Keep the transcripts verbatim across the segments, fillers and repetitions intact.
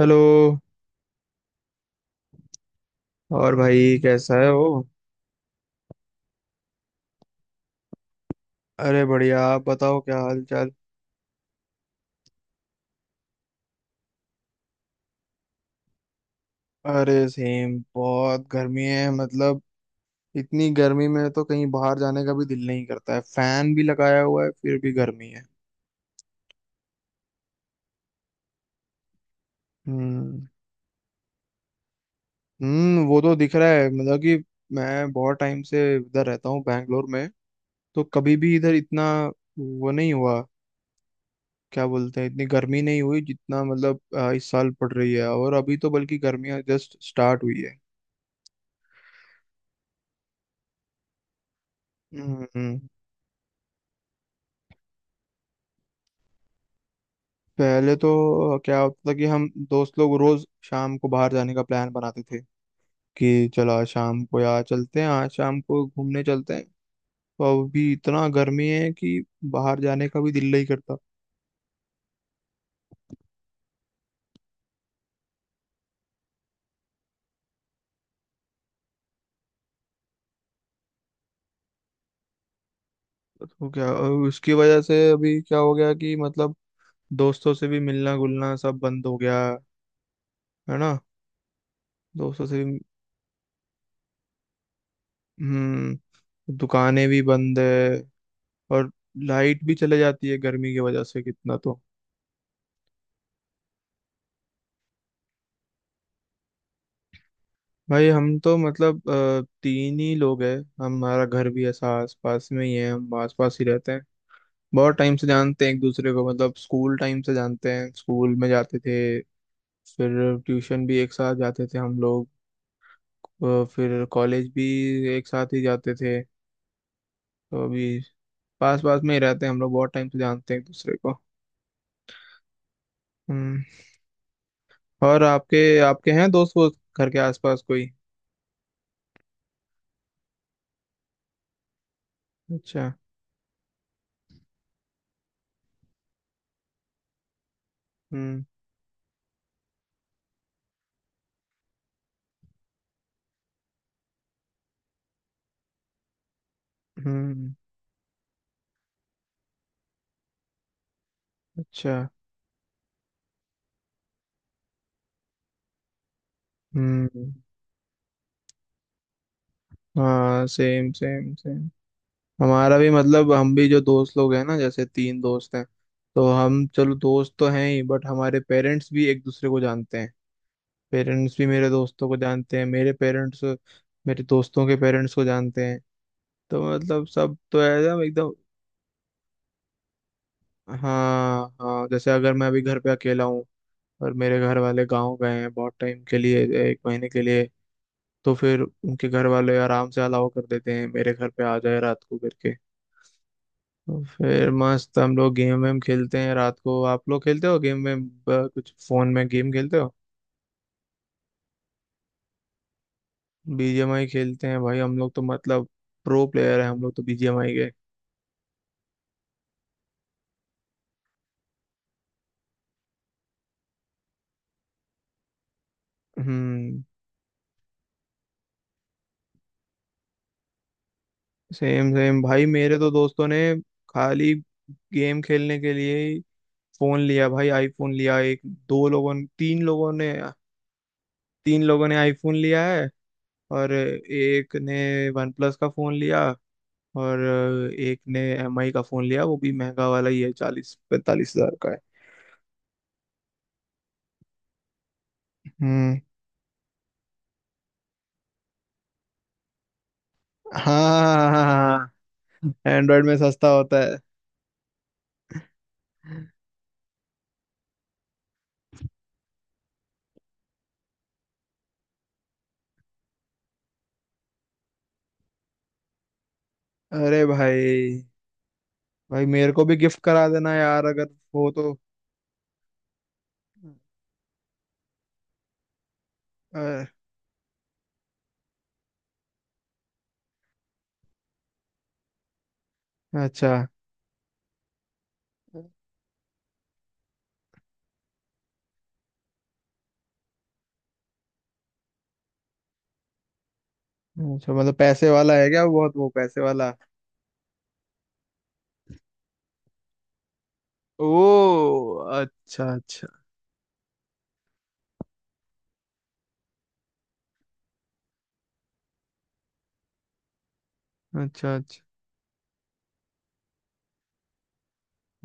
Hello. और भाई कैसा है हो। अरे बढ़िया, आप बताओ क्या हाल चाल। अरे सेम, बहुत गर्मी है मतलब। इतनी गर्मी में तो कहीं बाहर जाने का भी दिल नहीं करता है, फैन भी लगाया हुआ है फिर भी गर्मी है। हम्म। हम्म, वो तो दिख रहा है मतलब कि मैं बहुत टाइम से इधर रहता हूँ बैंगलोर में, तो कभी भी इधर इतना वो नहीं हुआ, क्या बोलते हैं, इतनी गर्मी नहीं हुई जितना मतलब अ, इस साल पड़ रही है, और अभी तो बल्कि गर्मियाँ जस्ट स्टार्ट हुई है। हम्म। पहले तो क्या होता था कि हम दोस्त लोग रोज शाम को बाहर जाने का प्लान बनाते थे कि चलो आज शाम को यार चलते हैं, आज शाम को घूमने चलते हैं। तो अभी इतना गर्मी है कि बाहर जाने का भी दिल नहीं करता। तो क्या उसकी वजह से अभी क्या हो गया कि मतलब दोस्तों से भी मिलना गुलना सब बंद हो गया, है ना। दोस्तों से भी। हम्म, दुकानें भी बंद है, और लाइट भी चले जाती है गर्मी की वजह से कितना तो। भाई हम तो मतलब अ, तीन ही लोग हैं। हमारा घर भी ऐसा आस पास में ही है, हम आस पास ही रहते हैं। बहुत टाइम से जानते हैं एक दूसरे को, मतलब स्कूल टाइम से जानते हैं, स्कूल में जाते थे। फिर ट्यूशन भी एक साथ जाते थे हम लोग। अ, फिर कॉलेज भी एक साथ ही जाते थे। तो अभी पास पास में ही रहते हैं हम लोग, बहुत टाइम से जानते हैं एक दूसरे को। हम्म। और आपके आपके हैं दोस्त वोस्त घर के आसपास कोई? अच्छा। हम्म। हम्म। अच्छा। हम्म। हाँ, सेम सेम सेम। हमारा भी मतलब हम भी जो दोस्त लोग हैं ना, जैसे तीन दोस्त हैं, तो हम चलो दोस्त तो हैं ही, बट हमारे पेरेंट्स भी एक दूसरे को जानते हैं। पेरेंट्स भी मेरे दोस्तों को जानते हैं, मेरे पेरेंट्स मेरे दोस्तों के पेरेंट्स को जानते हैं। तो मतलब सब तो एकदम एकदम। हाँ हाँ, जैसे अगर मैं अभी घर पे अकेला हूँ और मेरे घर वाले गाँव गए हैं बहुत टाइम के लिए, एक महीने के लिए, तो फिर उनके घर वाले आराम से अलाउ कर देते हैं मेरे घर पे आ जाए रात को करके। तो फिर मस्त हम लोग गेम वेम खेलते हैं रात को। आप लोग खेलते हो गेम वेम? ब- कुछ फोन में गेम खेलते हो? बीजीएमआई खेलते हैं भाई, हम लोग तो मतलब प्रो प्लेयर है हम लोग तो बीजीएमआई के। हम्म। सेम सेम भाई, मेरे तो दोस्तों ने खाली गेम खेलने के लिए ही फोन लिया भाई, आईफोन लिया। एक दो लोगों ने, तीन लोगों ने, तीन लोगों ने आईफोन लिया है और एक ने वन प्लस का फोन लिया और अ, एक ने एमआई का फोन लिया, वो भी महंगा वाला ही है, चालीस पैंतालीस हज़ार का है। हम्म। हाँ। एंड्रॉयड में सस्ता होता है। अरे भाई, भाई मेरे को भी गिफ्ट करा देना यार, अगर हो तो। अ, अच्छा अच्छा। मतलब पैसे वाला है क्या बहुत, वो पैसे वाला? ओ अच्छा अच्छा, अच्छा अच्छा।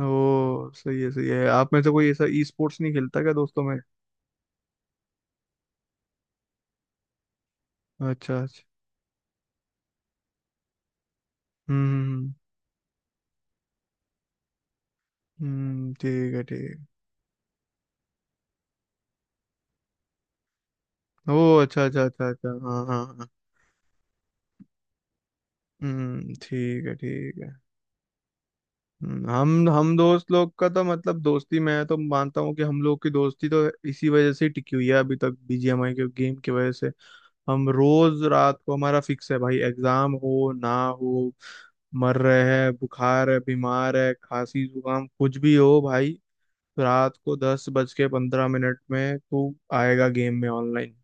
ओ सही है सही है। आप में से कोई ऐसा ई स्पोर्ट्स नहीं खेलता क्या दोस्तों में? अच्छा अच्छा। हम्म। हम्म। हम्म, ठीक है ठीक है। ओ, अच्छा अच्छा अच्छा अच्छा, हाँ हाँ हाँ। हम्म, ठीक है ठीक है। हम्म, हम हम दोस्त लोग का तो मतलब दोस्ती, मैं तो मानता हूँ कि हम लोग की दोस्ती तो इसी वजह से ही टिकी हुई है अभी तक, बीजीएमआई के गेम की वजह से। हम रोज रात को, हमारा फिक्स है भाई, एग्जाम हो ना हो, मर रहे हैं, बुखार है, बीमार है, खांसी जुकाम कुछ भी हो भाई, रात को दस बज के पंद्रह मिनट में तू आएगा गेम में ऑनलाइन।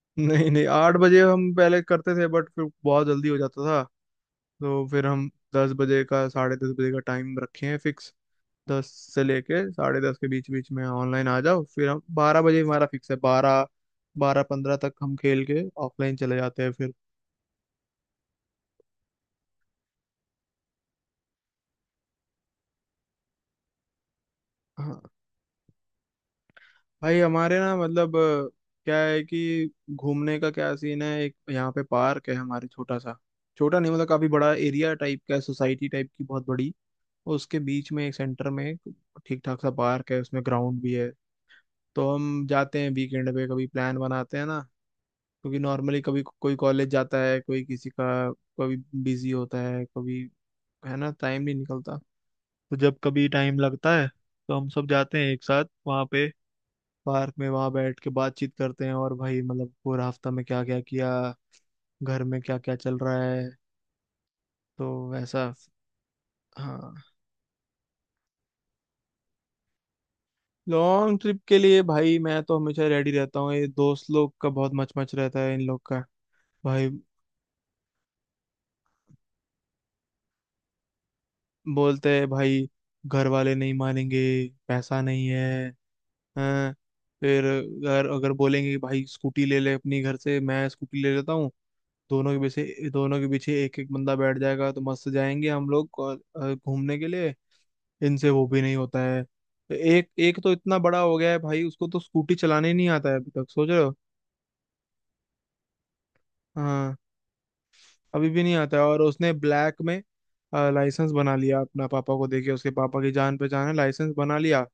नहीं नहीं, आठ बजे हम पहले करते थे बट फिर बहुत जल्दी हो जाता था, तो फिर हम दस बजे का साढ़े दस बजे का टाइम रखे हैं फिक्स। दस से लेके साढ़े दस के बीच बीच में ऑनलाइन आ जाओ, फिर हम बारह बजे, हमारा फिक्स है बारह, बारह पंद्रह तक हम खेल के ऑफलाइन चले जाते हैं फिर। हाँ। भाई हमारे ना मतलब अ, क्या है कि घूमने का क्या सीन है, एक यहाँ पे पार्क है हमारे छोटा सा, छोटा नहीं मतलब काफी बड़ा एरिया टाइप का है, सोसाइटी टाइप की बहुत बड़ी। उसके बीच में एक सेंटर में एक ठीक ठाक सा पार्क है, उसमें ग्राउंड भी है। तो हम जाते हैं वीकेंड पे, कभी प्लान बनाते हैं ना, क्योंकि नॉर्मली कभी को- कोई कॉलेज जाता है, कोई किसी का कभी बिजी होता है, कभी है ना टाइम नहीं निकलता। तो जब कभी टाइम लगता है तो हम सब जाते हैं एक साथ वहाँ पे, पार्क में, वहाँ बैठ के बातचीत करते हैं और भाई मतलब पूरा हफ्ता में क्या क्या किया, घर में क्या क्या चल रहा है। तो वैसा। हाँ। लॉन्ग ट्रिप के लिए भाई मैं तो हमेशा रेडी रहता हूँ, ये दोस्त लोग का बहुत मच मच रहता है इन लोग का। भाई बोलते हैं भाई घर वाले नहीं मानेंगे, पैसा नहीं है, हैं। फिर अगर अगर बोलेंगे कि भाई स्कूटी ले ले अपनी घर से, मैं स्कूटी ले लेता हूँ। दोनों के पीछे दोनों के पीछे एक एक बंदा बैठ जाएगा तो मस्त जाएंगे हम लोग और, अ, घूमने के लिए। इनसे वो भी नहीं होता है। तो एक एक तो इतना बड़ा हो गया है भाई, उसको तो स्कूटी चलाने ही नहीं आता है अभी तक, सोच रहे हो। हाँ, अभी भी नहीं आता है, और उसने ब्लैक में लाइसेंस बना लिया, अपना पापा को देके, उसके पापा की जान पहचान है, लाइसेंस बना लिया।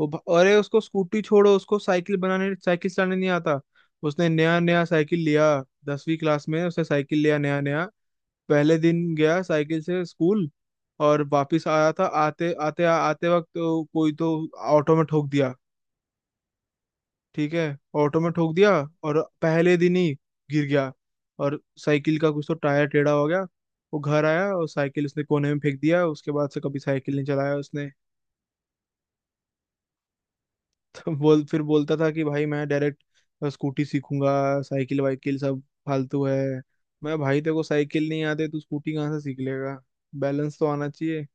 वो भ- अरे उसको स्कूटी छोड़ो, उसको साइकिल बनाने साइकिल चलाने नहीं आता। उसने नया नया साइकिल लिया दसवीं क्लास में, उसने साइकिल लिया नया नया। पहले दिन गया साइकिल से स्कूल और वापस आया था, आते आते आते वक्त तो कोई तो ऑटो में ठोक दिया, ठीक है। ऑटो में ठोक दिया और पहले दिन ही गिर गया और साइकिल का कुछ तो टायर टेढ़ा हो गया। वो घर आया और साइकिल उसने कोने में फेंक दिया, उसके बाद से कभी साइकिल नहीं चलाया उसने। तो बोल फिर बोलता था कि भाई मैं डायरेक्ट स्कूटी सीखूंगा, साइकिल वाइकिल सब फालतू है। मैं भाई, तेरे को साइकिल नहीं आते तू स्कूटी कहाँ से सीख लेगा, बैलेंस तो आना चाहिए।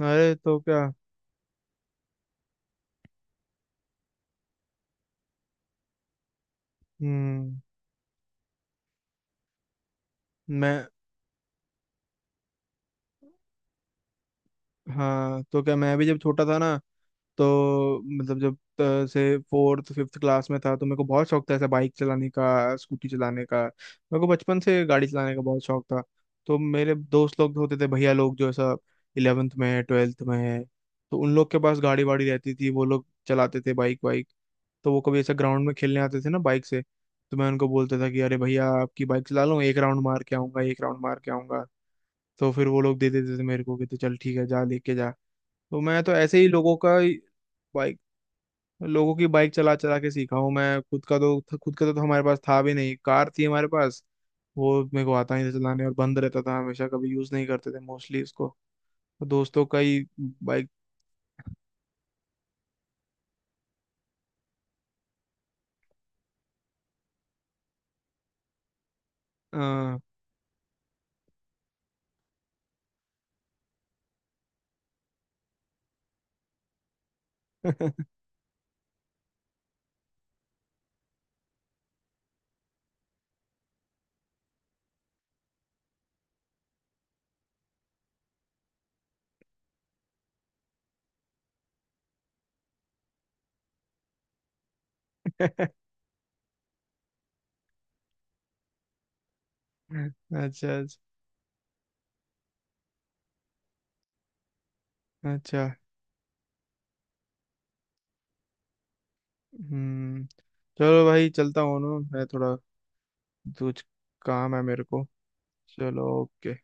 अरे तो क्या। हम्म। मैं हाँ तो क्या, मैं भी जब छोटा था ना, तो मतलब जब अ, से फोर्थ फिफ्थ क्लास में था, तो मेरे को बहुत शौक था ऐसा बाइक चलाने का, स्कूटी चलाने का, मेरे को बचपन से गाड़ी चलाने का बहुत शौक था। तो मेरे दोस्त लोग होते थे भैया लोग, जो ऐसा इलेवेंथ में है ट्वेल्थ में है, तो उन लोग के पास गाड़ी वाड़ी रहती थी, वो लोग चलाते थे बाइक वाइक। तो वो कभी ऐसा ग्राउंड में खेलने आते थे ना बाइक से। तो मैं उनको बोलता था कि अरे भैया आपकी बाइक चला लूँ, एक राउंड मार के आऊंगा, एक राउंड मार के आऊंगा। तो फिर वो लोग दे देते थे मेरे को कि तो चल ठीक है जा लेके जा। तो मैं तो ऐसे ही लोगों का लोगों की बाइक चला चला के सीखा हूँ मैं, खुद का तो, खुद का तो तो हमारे पास था भी नहीं, कार थी हमारे पास, वो मेरे को आता ही नहीं था चलाने, और बंद रहता था हमेशा, कभी यूज नहीं करते थे मोस्टली उसको। दोस्तों का ही बाइक। अच्छा अच्छा अच्छा। हम्म। चलो भाई चलता हूँ ना मैं, थोड़ा कुछ काम है मेरे को। चलो ओके।